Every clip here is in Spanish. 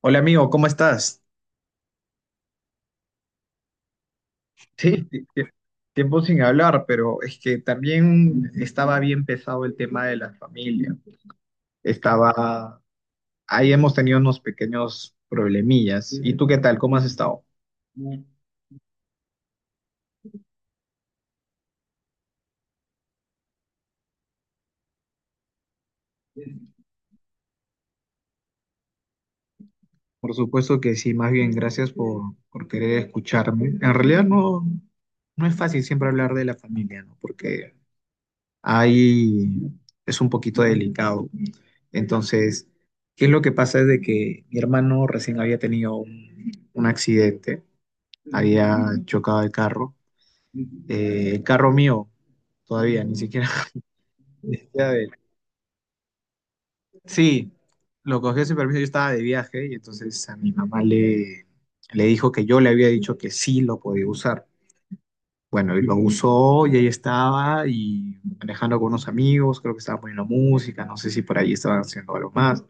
Hola amigo, ¿cómo estás? Sí, Tiempo sin hablar, pero es que también estaba bien pesado el tema de la familia. Estaba, Ahí hemos tenido unos pequeños problemillas. ¿Y tú qué tal? ¿Cómo has estado? Por supuesto que sí, más bien gracias por querer escucharme. En realidad no, no es fácil siempre hablar de la familia, ¿no? Porque ahí es un poquito delicado. Entonces, ¿qué es lo que pasa? Es de que mi hermano recién había tenido un accidente, había chocado el carro mío todavía, ni siquiera, ni siquiera de él. Sí, lo cogió sin permiso, yo estaba de viaje y entonces a mi mamá le dijo que yo le había dicho que sí lo podía usar. Bueno, y lo usó y ahí estaba y manejando con unos amigos, creo que estaba poniendo música, no sé si por ahí estaban haciendo algo más.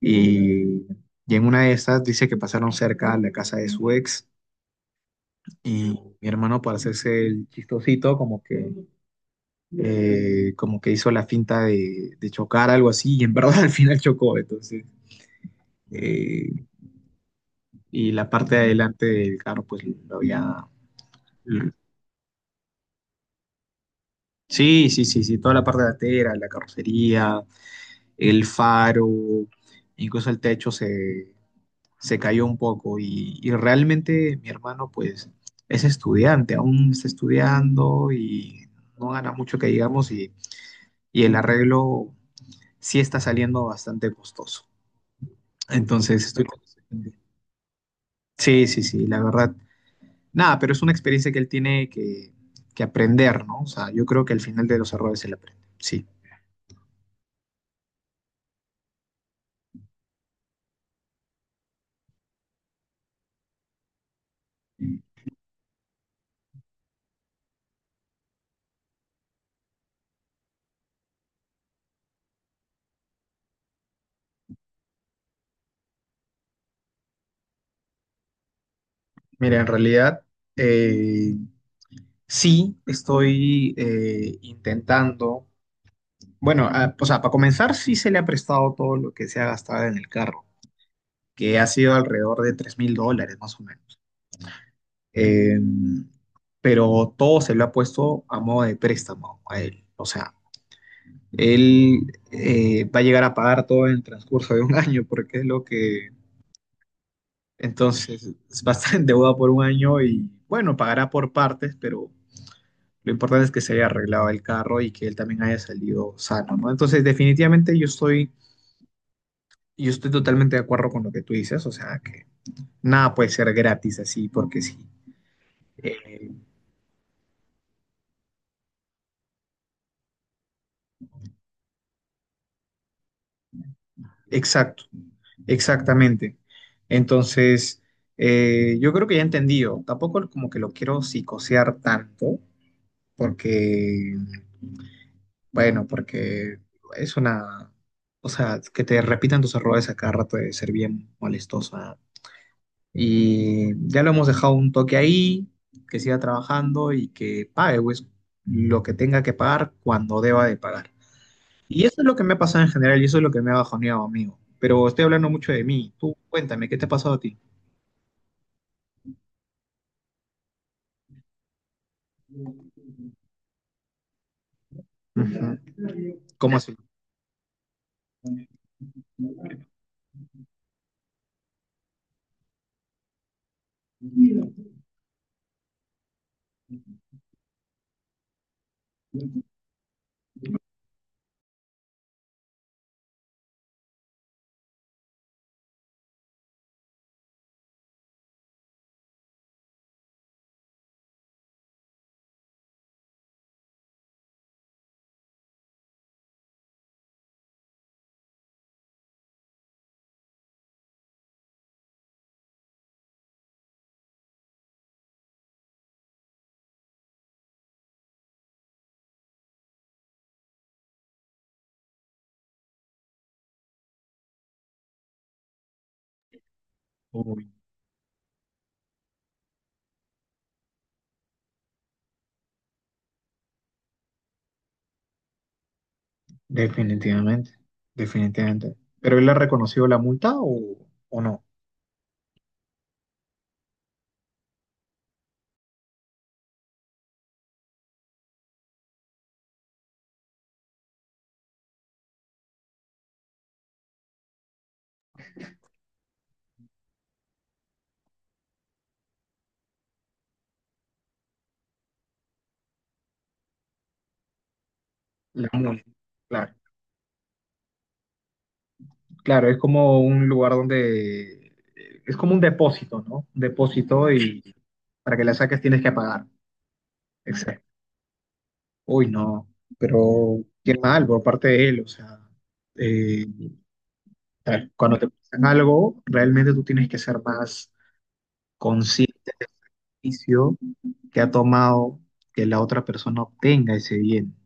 Y, y en una de esas dice que pasaron cerca a la casa de su ex y mi hermano para hacerse el chistosito como que hizo la finta de chocar algo así y en verdad al final chocó. Entonces, eh, y la parte de adelante del carro pues lo había... Sí, sí, sí, sí, toda la parte delantera, la carrocería, el faro, incluso el techo se cayó un poco y realmente mi hermano pues es estudiante, aún está estudiando y no gana mucho que digamos y el arreglo sí está saliendo bastante costoso. Entonces estoy... Sí, sí, sí, la verdad. Nada, pero es una experiencia que él tiene que aprender, ¿no? O sea, yo creo que al final de los errores él aprende. Sí. Mira, en realidad, eh, sí, estoy intentando. Bueno, ah, o sea, para comenzar, sí se le ha prestado todo lo que se ha gastado en el carro, que ha sido alrededor de 3.000 dólares más o menos. Eh, pero todo se lo ha puesto a modo de préstamo a él. O sea, él va a llegar a pagar todo en el transcurso de un año, porque es lo que. Entonces, va a estar en deuda por un año y, bueno, pagará por partes, pero lo importante es que se haya arreglado el carro y que él también haya salido sano, ¿no? Entonces, definitivamente yo estoy Yo estoy totalmente de acuerdo con lo que tú dices, o sea, que nada puede ser gratis así, porque sí. Eh, exacto, exactamente. Entonces, yo creo que ya he entendido. Tampoco como que lo quiero psicosear tanto, porque, bueno, porque es una, o sea, que te repitan tus errores a cada rato de ser bien molestosa. Y ya lo hemos dejado un toque ahí, que siga trabajando y que pague pues, lo que tenga que pagar cuando deba de pagar. Y eso es lo que me ha pasado en general y eso es lo que me ha bajoneado, amigo. Pero estoy hablando mucho de mí. Tú cuéntame, ¿qué te ha pasado a ti? Ujú. ¿Cómo así? Uy, definitivamente, definitivamente. ¿Pero él ha reconocido la multa o no? La multa. Claro, claro, es como un lugar donde... Es como un depósito, ¿no? Un depósito y para que la saques tienes que pagar. Exacto. Uy, no, pero qué mal por parte de él, o sea, eh, tal, cuando te pasan algo, realmente tú tienes que ser más consciente del beneficio que ha tomado que la otra persona obtenga ese bien,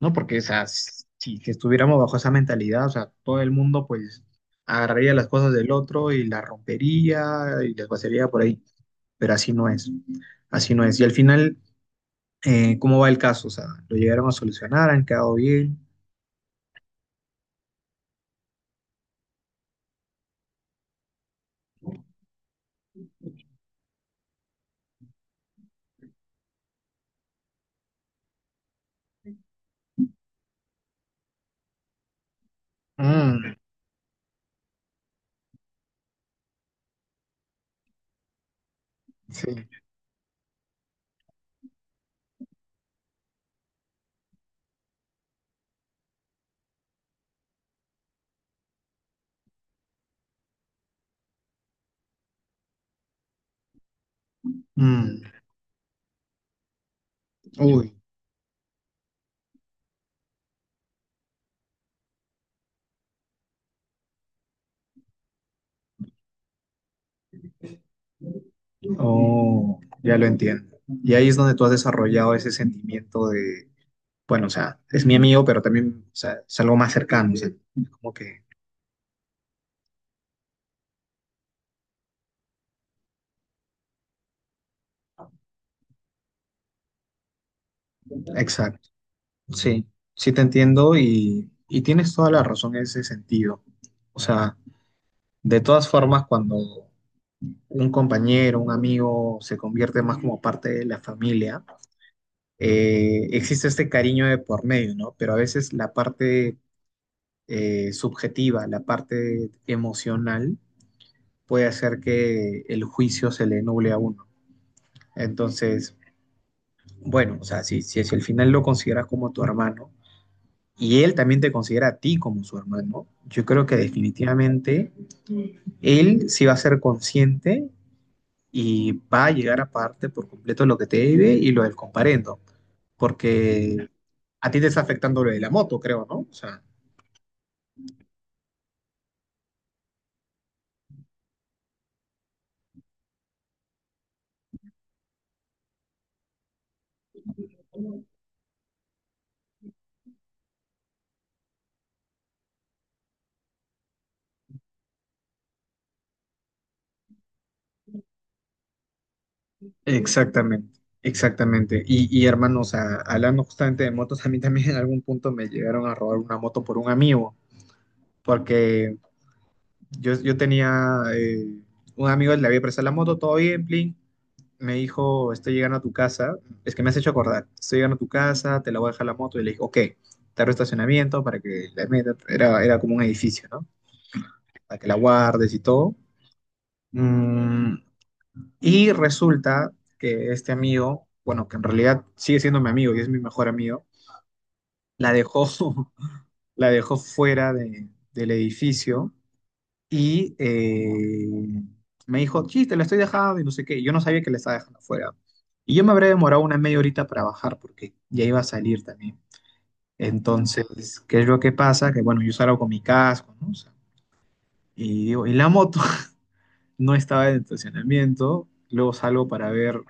¿no? Porque, o sea, si, que estuviéramos bajo esa mentalidad, o sea, todo el mundo pues agarraría las cosas del otro y las rompería y las vaciaría por ahí, pero así no es, así no es. Y al final, ¿cómo va el caso? O sea, ¿lo llegaron a solucionar? ¿Han quedado bien? Mm, mm, uh, oh, ya lo entiendo. Y ahí es donde tú has desarrollado ese sentimiento de, bueno, o sea, es mi amigo, pero también, o sea, es algo más cercano, o sea, como que, exacto. Sí, sí te entiendo y tienes toda la razón en ese sentido. O sea, de todas formas, cuando un compañero, un amigo se convierte más como parte de la familia, existe este cariño de por medio, ¿no? Pero a veces la parte subjetiva, la parte emocional, puede hacer que el juicio se le nuble a uno. Entonces, bueno, o sea, si al final lo consideras como tu hermano y él también te considera a ti como su hermano, yo creo que definitivamente él sí va a ser consciente y va a llegar a parte por completo lo que te debe y lo del comparendo, porque a ti te está afectando lo de la moto, creo, ¿no? O sea, exactamente, exactamente. Y hermano, o sea, hablando justamente de motos, a mí también en algún punto me llegaron a robar una moto por un amigo, porque yo tenía un amigo, le había prestado la moto, todo bien, plin. Me dijo, estoy llegando a tu casa, es que me has hecho acordar, estoy llegando a tu casa, te la voy a dejar la moto. Y le dije, ok, te arro estacionamiento para que la metas, era como un edificio, ¿no? Para que la guardes y todo. Mm. Y resulta que este amigo, bueno, que en realidad sigue siendo mi amigo y es mi mejor amigo, la dejó, la dejó fuera del edificio y me dijo, sí, te la estoy dejando y no sé qué. Y yo no sabía que la estaba dejando fuera. Y yo me habré demorado una media horita para bajar porque ya iba a salir también. Entonces, ¿qué es lo que pasa? Que bueno, yo salgo con mi casco, ¿no? O sea, y digo, y la moto no estaba en el estacionamiento. Luego salgo para ver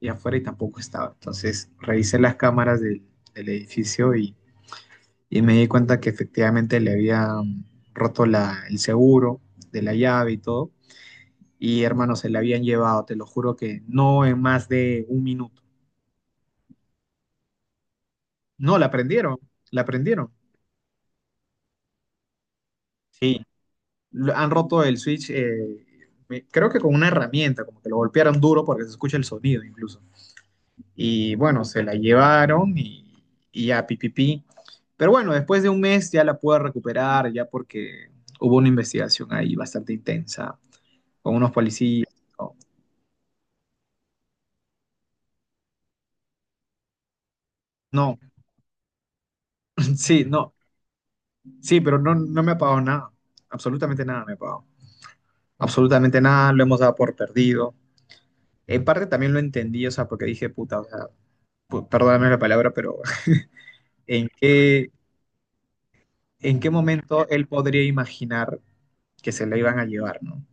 y afuera y tampoco estaba. Entonces revisé las cámaras del edificio y me di cuenta que efectivamente le habían roto la, el seguro de la llave y todo. Y hermano, se la habían llevado, te lo juro que no en más de un minuto. No, la prendieron, la prendieron. Sí, han roto el switch, creo que con una herramienta, como que lo golpearon duro porque se escucha el sonido incluso. Y bueno, se la llevaron y ya, pipipi. Pero bueno, después de un mes ya la pude recuperar, ya porque hubo una investigación ahí bastante intensa con unos policías. No, no, sí, no, sí, pero no, no me ha pagado nada, absolutamente nada me ha pagado, absolutamente nada, lo hemos dado por perdido. En parte también lo entendí, o sea, porque dije, puta, o sea, perdóname la palabra, pero ¿en qué, en qué momento él podría imaginar que se la iban a llevar, ¿no?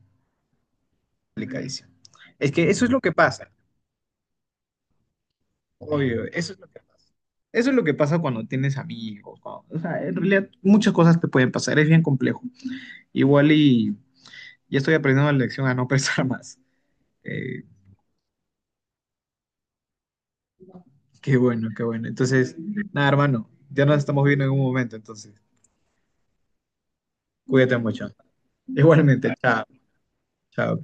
Complicadísimo. Es que eso es lo que pasa. Obvio, eso es lo que pasa. Eso es lo que pasa cuando tienes amigos. O sea, en realidad muchas cosas te pueden pasar, es bien complejo. Igual y ya estoy aprendiendo la lección a no pensar más. Eh, qué bueno, qué bueno. Entonces, nada, hermano, ya nos estamos viendo en un momento, entonces, cuídate mucho. Igualmente, chao, chao.